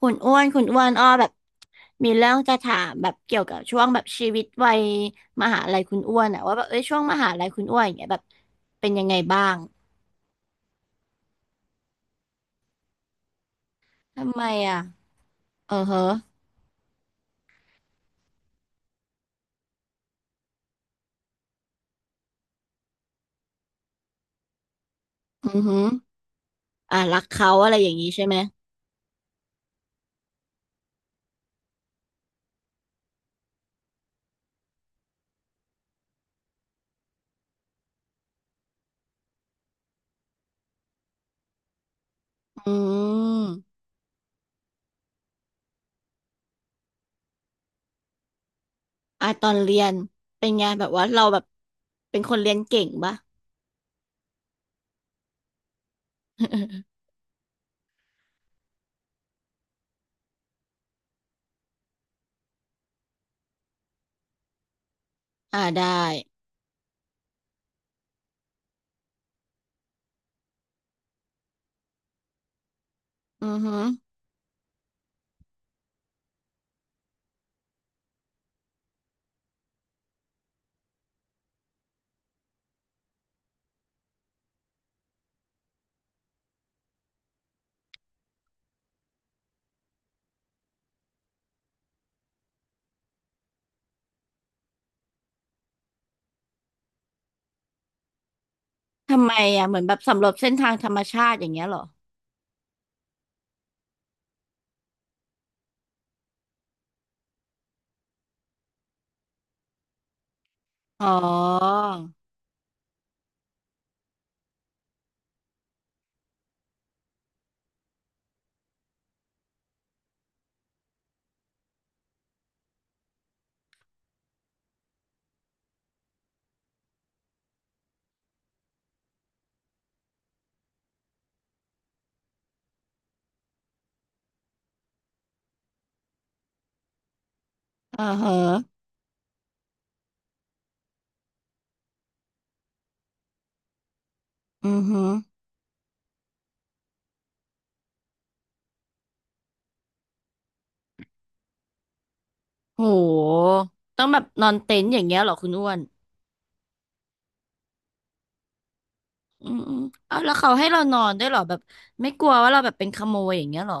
คุณอ้วนคุณอ้วนอ้อแบบมีเรื่องจะถามแบบเกี่ยวกับช่วงแบบชีวิตวัยมหาลัยคุณอ้วนอะว่าแบบเอ้ยช่วงมหาลัยคุณอ้วนอย่างเงี้ยแบบเป็นยังไงบ้างทำไมอะเออเหรออือฮึอ่ะรักเขาอะไรอย่างงี้ใช่ไหมอืมอ่ะตอนเรียนเป็นไงแบบว่าเราแบบเป็นคนเรียนเก่งปะ อ่าได้อือฮึทำไมอะเหมือนแบบสำรวจเส้นทางธรรมชาติอย่างเงี้ยเหรออ๋ออ่าเหรออือฮึ โหต้องแบบนอนเต็นท์อย่างเงี้ยเหรอคุณอ้วนอืมอืมเอาแล้วเขาให้เรานอนด้วยเหรอแบบไม่กลัวว่าเราแบบเป็นขโมยอย่างเงี้ยเหรอ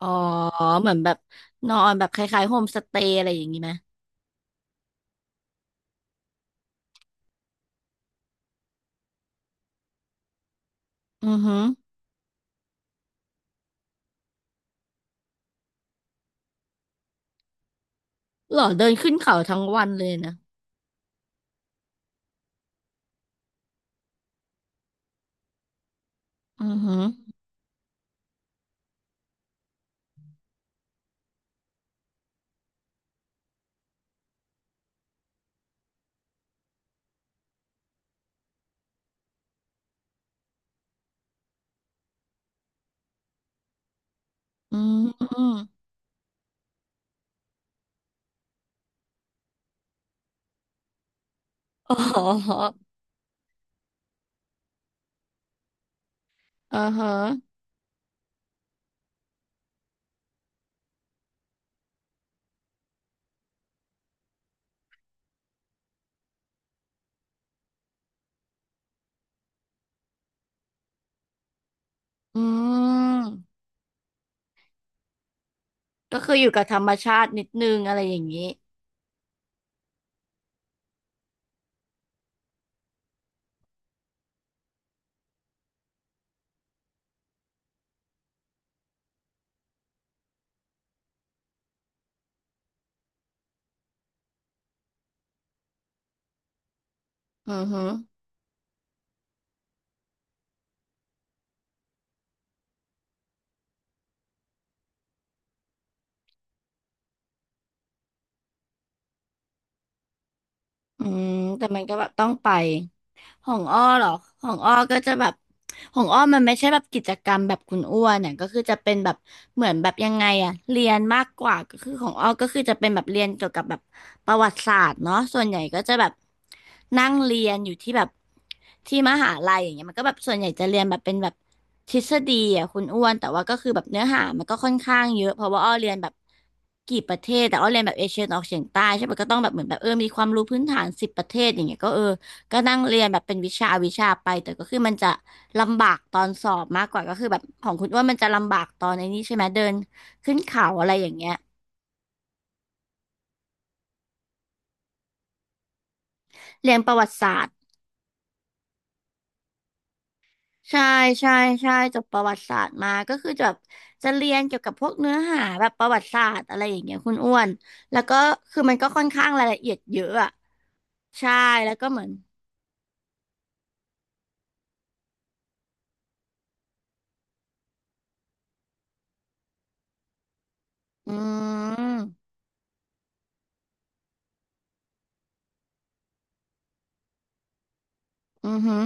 อ๋อเหมือนแบบนอนแบบคล้ายๆโฮมสเตย์อะไรอย่างงี้ไหมอือหือเหรอเดินขึ้นเขาทั้งวันเลยนะอือหืออืมอมอ๋ออ่าฮะอืมก็คืออยู่กับธรรมชาตินิดนึงอะไรอย่างงี้อือหืออืมแต่มันก็แบบต้องไป ของอ้อเหรอของอ้อก็จะแบบของอ้อมันไม่ใช่แบบกิจกรรมแบบคุณอ้วนเนี่ยก็คือจะเป็นแบบเหมือนแบบยังไงอะเรียนมากกว่าก็คือของอ้อก็คือจะเป็นแบบเรียนเกี่ยวกับแบบประวัติศาสตร์เนาะส่วนใหญ่ก็จะแบบนั่งเรียนอยู่ที่แบบที่มหาลัยอย่างเงี้ยมันก็แบบส่วนใหญ่จะเรียนแบบเป็นแบบทฤษฎีอะคุณอ้วนแต่ว่าก็คือแบบเนื้อหามันก็ค่อนข้างเยอะเพราะว่าอ้อเรียนแบบกี่ประเทศแต่อ้อเรียนแบบเอเชียตะวันออกเฉียงใต้ใช่ปะก็ต้องแบบเหมือนแบบเออมีความรู้พื้นฐาน10 ประเทศอย่างเงี้ยก็เออ ก็นั่งเรียนแบบเป็นวิชาวิชาไปแต่ก็คือมันจะลำบากตอนสอบมากกว่าก็คือแบบของคุณอ้วนมันจะลำบากตอนในนี้ใช่ไหมเดินขึ้นเขาอะไรอย่างเงี้ยเรียนประวัติศาสตร์ใช่ใช่ใช่จบประวัติศาสตร์มาก็คือจะแบบจะเรียนเกี่ยวกับพวกเนื้อหาแบบประวัติศาสตร์อะไรอย่างเงี้ยคุณอ้วนแล้วก็คือมันก็ค่อนข้างรายละเอียดเยอะอะใช่แล้วก็เหมือนอืมอือหือ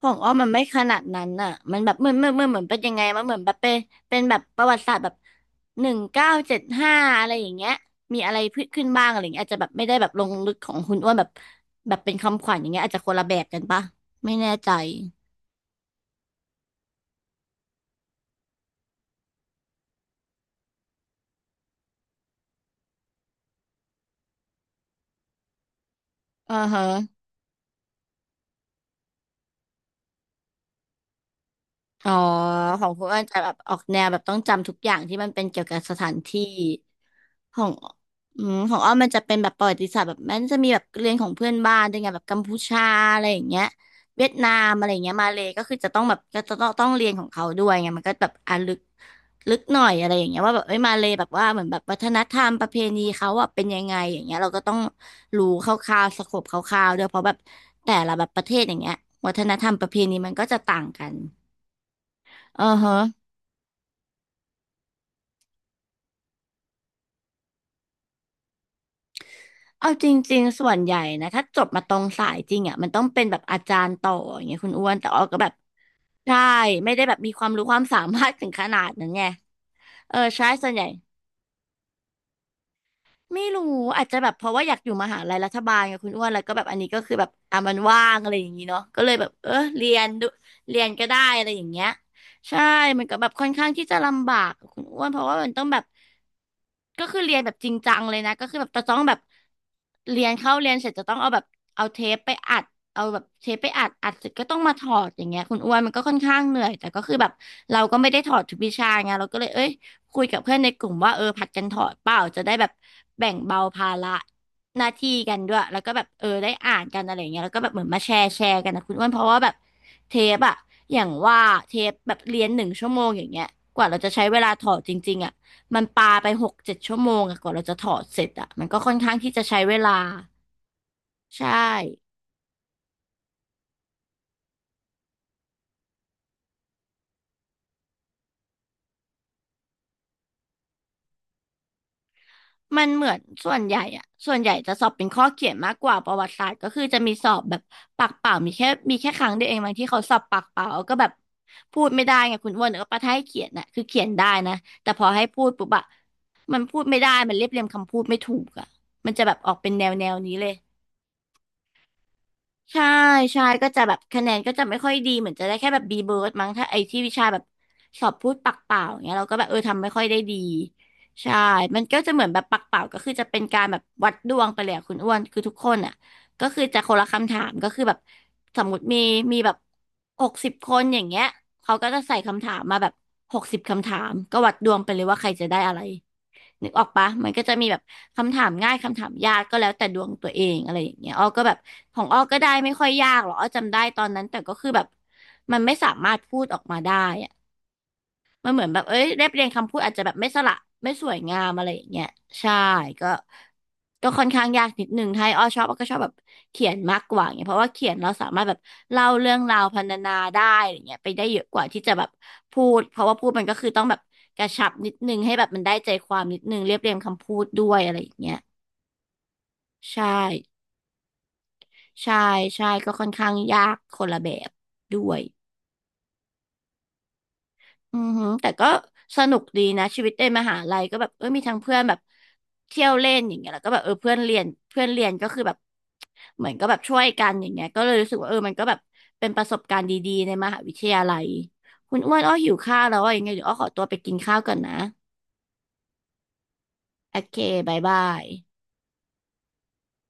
ของอ้อมมันไม่ขนาดนั้นน่ะมันแบบเหมือนเหมือนเหมือนเหมือนเป็นยังไงมันเหมือนแบบเป็นเป็นแบบประวัติศาสตร์แบบ1975อะไรอย่างเงี้ยมีอะไรพืชขึ้นบ้างอะไรอย่างเงี้ยอาจจะแบบไม่ได้แบบลงลึกของคุณอ้วนแบบแบบเป็นคำขวัญอย่างเงี้ยอาจจะคนละแบบกันปะไม่แน่ใจอ่าฮะ อ๋อของคุณอ้นจะแบบออกแนวแบบต้องจำทุกอย่างที่มันเป็นเกี่ยวกับสถานที่ของอืมของอ้อมมันจะเป็นแบบประวัติศาสตร์แบบมันจะมีแบบเรียนของเพื่อนบ้านด้วยไงแบบกัมพูชาอะไรอย่างเงี้ยเวียดนามอะไรอย่างเงี้ยมาเลยก็คือจะต้องแบบก็จะต้องเรียนของเขาด้วยไงมันก็แบบอ่ะลึกลึกหน่อยอะไรอย่างเงี้ยว่าแบบเอ้ยมาเลยแบบว่าเหมือนแบบวัฒนธรรมประเพณีเขาอ่ะเป็นยังไงอย่างเงี้ยเราก็ต้องรู้คร่าวๆสโคปคร่าวๆด้วยเพราะแบบแต่ละแบบประเทศอย่างเงี้ยวัฒนธรรมประเพณีมันก็จะต่างกัน อือฮะเอาจริงๆส่วนใหญ่นะถ้าจบมาตรงสายจริงอ่ะมันต้องเป็นแบบอาจารย์ต่ออย่างเงี้ยคุณอ้วนแต่ออกก็แบบใช่ไม่ได้แบบมีความรู้ความสามารถถึงขนาดนั้นไงเออใช่ส่วนใหญ่ ไม่รู้อาจจะแบบเพราะว่าอยากอยู่มหาลัยรัฐบาลกับคุณอ้วนแล้วก็แบบอันนี้ก็คือแบบอ่ะมันว่างอะไรอย่างนี้เนาะก็เลยแบบเออเรียนดูเรียนก็ได้อะไรอย่างเงี้ยใช่มันก็แบบค่อนข้างที่จะลำบากกับคุณอ้วนเพราะว่ามันต้องแบบก็คือเรียนแบบจริงจังเลยนะก็คือแบบจะต้องแบบเรียนเข้าเรียนเสร็จจะต้องเอาแบบเอาเทปไปอัดเอาแบบเทปไปอัดอัดเสร็จก็ต้องมาถอดอย่างเงี้ยคุณอ้วนมันก็ค่อนข้างเหนื่อยแต่ก็คือแบบเราก็ไม่ได้ถอดทุกวิชาไงเราก็เลยเอ้ย คุยกับเพื่อนในกลุ่มว่าเออผัดกันถอดเปล่าจะได้แบบแบ่งเบาภาระหน้าที่กันด้วยแล้วก็แบบเออได้อ่านกันอะไรอย่างเงี้ยแล้วก็แบบเหมือนมาแชร์กันนะคุณอ้วนเพราะว่าแบบเทปอะอย่างว่าเทปแบบเรียน1 ชั่วโมงอย่างเงี้ยกว่าเราจะใช้เวลาถอดจริงๆอะมันปาไป6-7 ชั่วโมงอะกว่าเราจะถอดเสร็จอะมันก็ค่อนข้างที่จะใช้เวลาใช่ มันเหมือนส่วนใหญ่อะส่วนใหญ่จะสอบเป็นข้อเขียนมากกว่าประวัติศาสตร์ก็คือจะมีสอบแบบปากเปล่ามีแค่ครั้งเดียวเองบางที่เขาสอบปากเปล่าก็แบบพูดไม่ได้ไงคุณอ้วนเออปะถ้าให้เขียนน่ะคือเขียนได้นะแต่พอให้พูดปุ๊บอะมันพูดไม่ได้มันเรียบเรียงคำพูดไม่ถูกอะมันจะแบบออกเป็นแนวนี้เลย ใช่ใช่ก็จะแบบคะแนนก็จะไม่ค่อยดีเหมือนจะได้แค่แบบ B เบิร์ดมั้งถ้าไอ้ที่วิชาแบบสอบพูดปากเปล่าอย่างเงี้ยเราก็แบบเออทำไม่ค่อยได้ดีใช่ มันก็จะเหมือนแบบปากเปล่าก็คือจะเป็นการแบบวัดดวงไปเลยอะคุณอ้วนคือทุกคนอ่ะก็คือจะคนละคำถามก็คือแบบสมมติมีแบบ60 คนอย่างเงี้ยเขาก็จะใส่คำถามมาแบบ60 คำถามก็วัดดวงไปเลยว่าใครจะได้อะไร นึกออกปะมันก็จะมีแบบคำถามง่ายคำถามยากก็แล้วแต่ดวงตัวเองอะไรอย่างเงี้ยอ้อก็แบบของอ้อก็ได้ไม่ค่อยยากหรอกอ้อจำได้ตอนนั้นแต่ก็คือแบบมันไม่สามารถพูดออกมาได้ มันเหมือนแบบเอ้ยเรียบเรียงคำพูดอาจจะแบบไม่สละไม่สวยงามอะไรอย่างเงี้ยใช่ก็ก็ค่อนข้างยากนิดนึงถ้าให้อ้อชอบอ้อก็ชอบแบบเขียนมากกว่าเงี้ยเพราะว่าเขียนเราสามารถแบบเล่าเรื่องราวพรรณนาได้อะไรเงี้ยไปได้เยอะกว่าที่จะแบบพูดเพราะว่าพูดมันก็คือต้องแบบกระชับนิดนึงให้แบบมันได้ใจความนิดนึงเรียบเรียงคำพูดด้วยอะไรอย่างเงี้ยใช่ใช่ใช่ก็ค่อนข้างยากคนละแบบด้วย อือหือแต่ก็สนุกดีนะชีวิตในมหาลัยก็แบบเออมีทั้งเพื่อนแบบเที่ยวเล่นอย่างเงี้ยแล้วก็แบบเออเพื่อนเรียนก็คือแบบเหมือนก็แบบช่วยกันอย่างเงี้ยก็เลยรู้สึกว่าเออมันก็แบบเป็นประสบการณ์ดีๆในมหาวิทยาลัยคุณอ้วนอ้อหิวข้าวแล้วอ่ะยังไงเดี๋ยวอ้อขอตัวไปกินข้าวก่อนนะโอเคบายบาย